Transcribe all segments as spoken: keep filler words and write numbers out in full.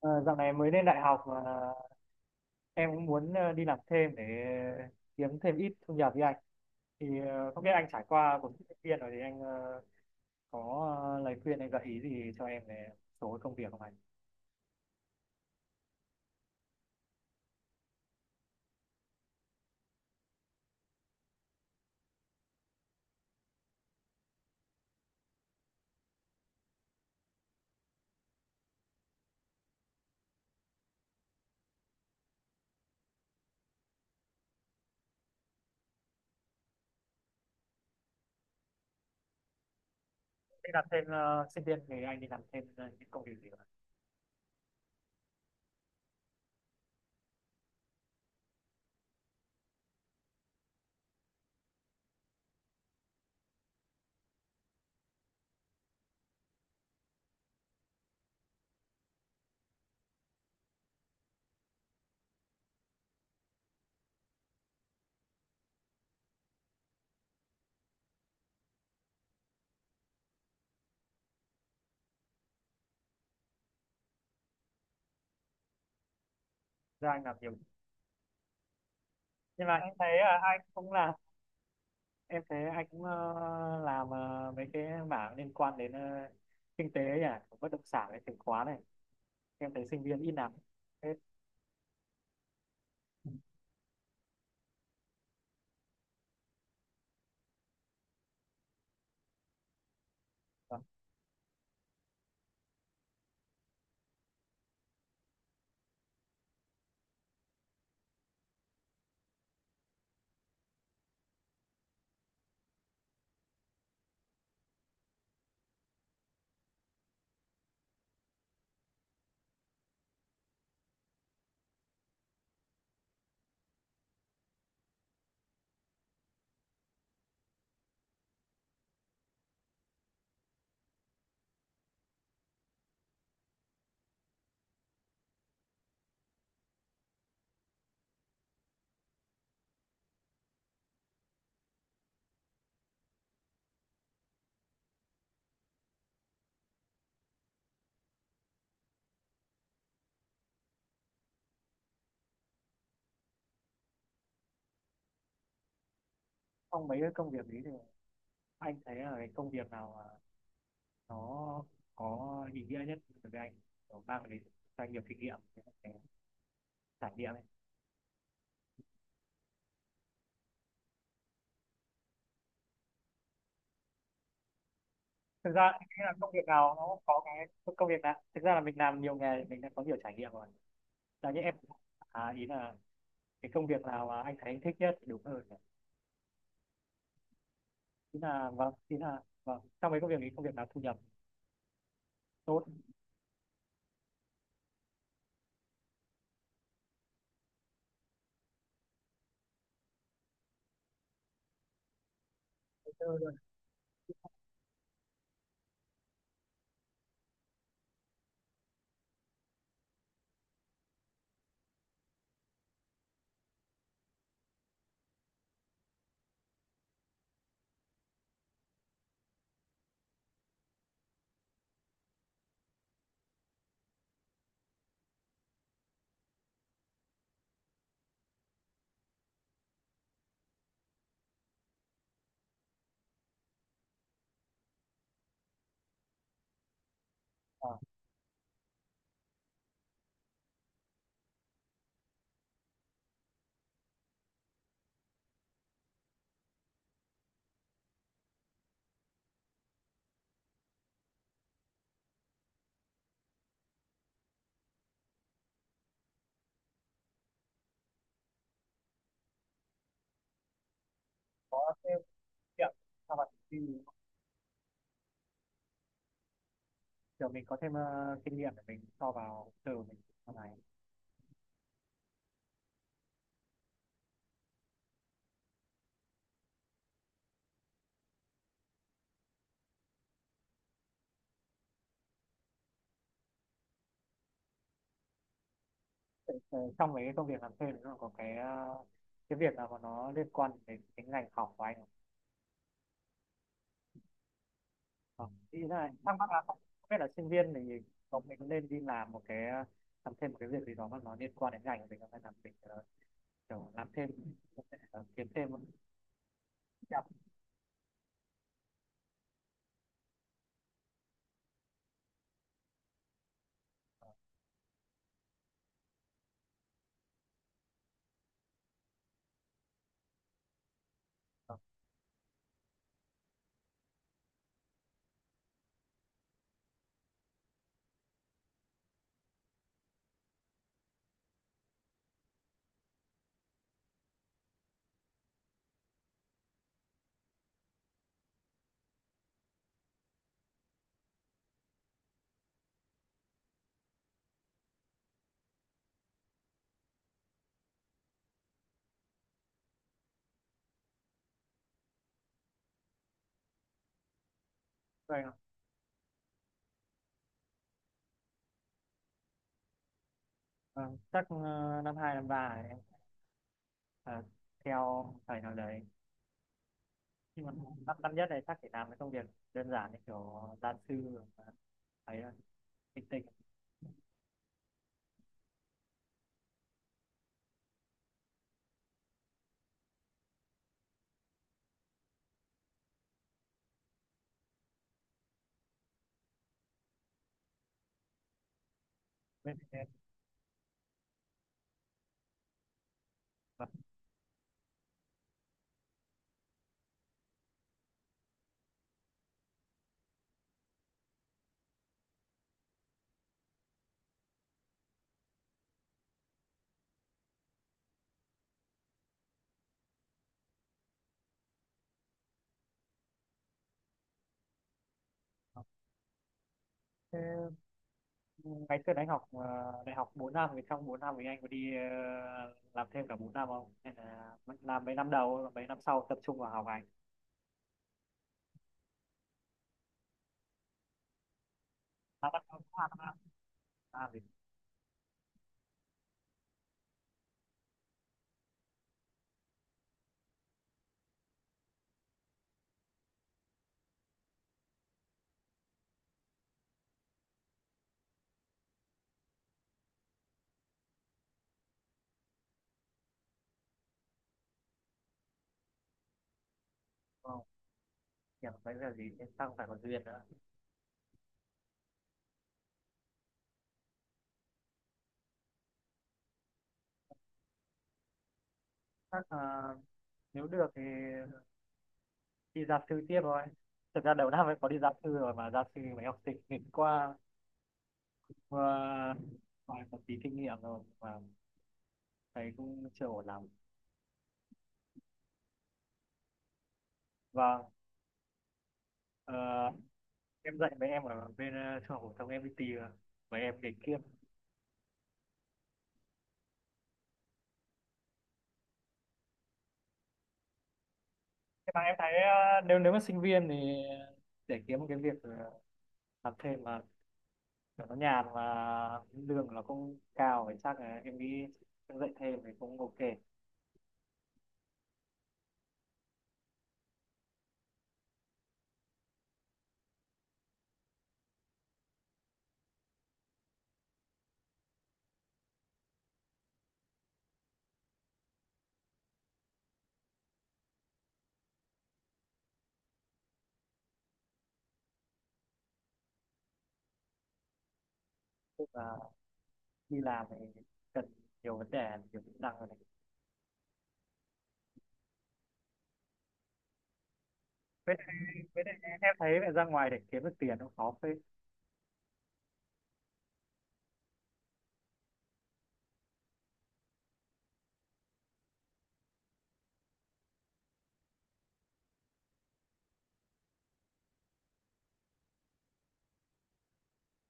Ờ, Dạo này mới lên đại học mà em cũng muốn ờ, đi làm thêm để kiếm thêm ít thu nhập với anh thì ờ, không biết anh trải qua cuộc thi sinh viên rồi thì anh ờ, có ờ, lời khuyên hay gợi ý gì cho em về một số công việc không anh? Đi làm thêm ờ, sinh viên thì anh đi làm thêm ờ, những công việc gì không, anh? Ra anh làm nhiều nhưng mà em thấy ờ, anh cũng làm, em thấy anh cũng ờ, làm ờ, mấy cái mảng liên quan đến ờ, kinh tế ấy à, bất động sản này, chứng khoán này, em thấy sinh viên ít làm. Thế còn trong mấy cái công việc ấy thì anh thấy là cái công việc nào mà nó có ý nghĩa nhất đối với anh, kiểu mang đến cho anh nhiều kinh nghiệm, cái trải nghiệm ấy. Thực ra anh nghĩ là công việc nào nó cũng có cái, công việc nào thực ra là mình làm nhiều nghề thì mình đã có nhiều trải nghiệm rồi, là như em. À, ý là cái công việc nào mà anh thấy anh thích nhất thì đúng hơn nhỉ? Ý là vâng, ý là vâng trong mấy công việc thì công việc nào thu nhập tốt. Thứ tư luôn. À, có thêm kinh nghiệm sau này thì kiểu mình có thêm ờ, kinh nghiệm để mình so vào từ mình sau này. Trong mấy cái công việc làm thêm thì nó có cái ờ, cái việc nào mà nó liên quan đến cái ngành học của anh không? Ờ, ý là thắc mắc là không biết là sinh viên thì có mình có nên đi làm một cái ờ, làm thêm một cái việc gì đó mà nó liên quan đến ngành của mình không, hay là mình ờ, kiểu làm thêm ờ, kiếm thêm một chút. Uh, vậy không? Ờ, chắc ờ, năm hai năm ba này, em ờ, theo thầy nào đấy, nhưng mà năm năm nhất này chắc chỉ làm cái công việc đơn giản như kiểu ờ, gia sư rồi, ờ, ấy là tinh tinh bên em. Vâng. Thế ngày xưa anh học ờ, đại học bốn năm thì trong bốn năm thì anh có đi ờ, làm thêm cả bốn năm không hay là làm mấy năm đầu mấy năm sau tập trung vào học hành? À, bắt đầu qua năm ba thì không hiểu đấy là gì nên tăng phải có duyên nữa. Chắc là nếu được thì đi gia sư tiếp thôi. Thực ra đầu năm em có đi gia sư rồi mà gia sư mấy học sinh nghịch, qua qua vài một tí kinh nghiệm rồi mà thấy cũng chưa ổn lắm. Vâng, ờ, em dạy mấy em ở bên ờ, trung học phổ thông, em đi tìm mấy em nghịch kia. Nhưng mà em thấy ờ, nếu nếu mà sinh viên thì để kiếm một cái việc ờ, làm thêm mà kiểu nó nhàn và lương nó cũng cao thì chắc là em nghĩ em dạy thêm thì cũng ok. Tức là đi làm thì cần nhiều vấn đề, nhiều kỹ năng rồi này. Với lại, với lại em thấy là ra ngoài để kiếm được tiền nó khó phết.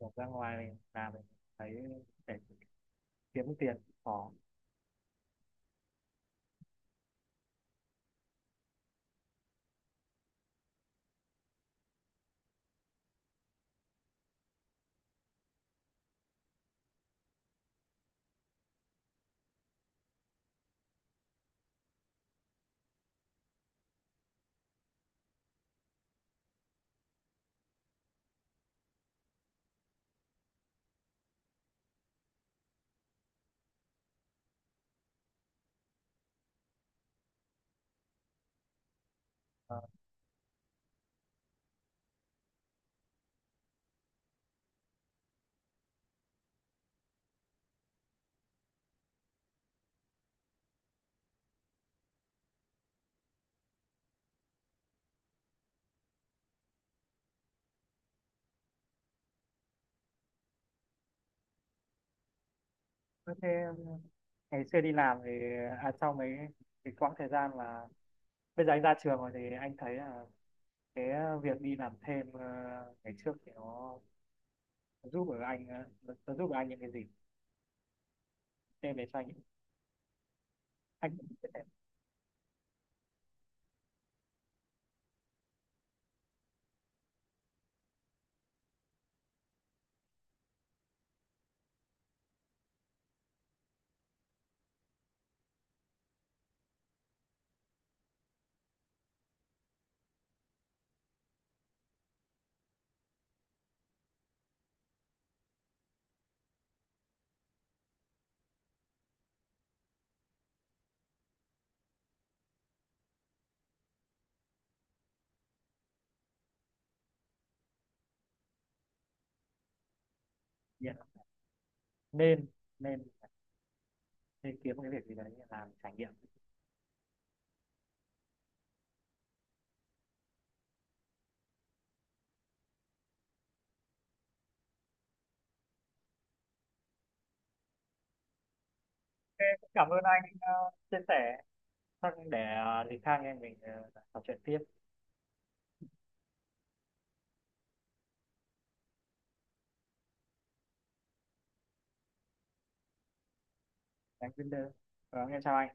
Kiểu ra ngoài làm thì thấy để kiếm được tiền khó. Ờ, thế thế ngày xưa đi làm thì à, sau mấy cái quãng thời gian mà bây giờ anh ra trường rồi thì anh thấy là cái ờ, việc đi làm thêm ờ, ngày trước thì nó giúp ở anh ờ, nó, nó giúp được anh những cái gì thêm về cho anh anh cũng biết là nghiện. Nên nên nên kiếm một cái việc gì đấy làm trải nghiệm. Ok, cũng cảm ơn anh ờ, chia sẻ. Chắc để ờ, thì khác anh em mình ờ, trò chuyện tiếp. Anh Winder, vâng, em chào anh.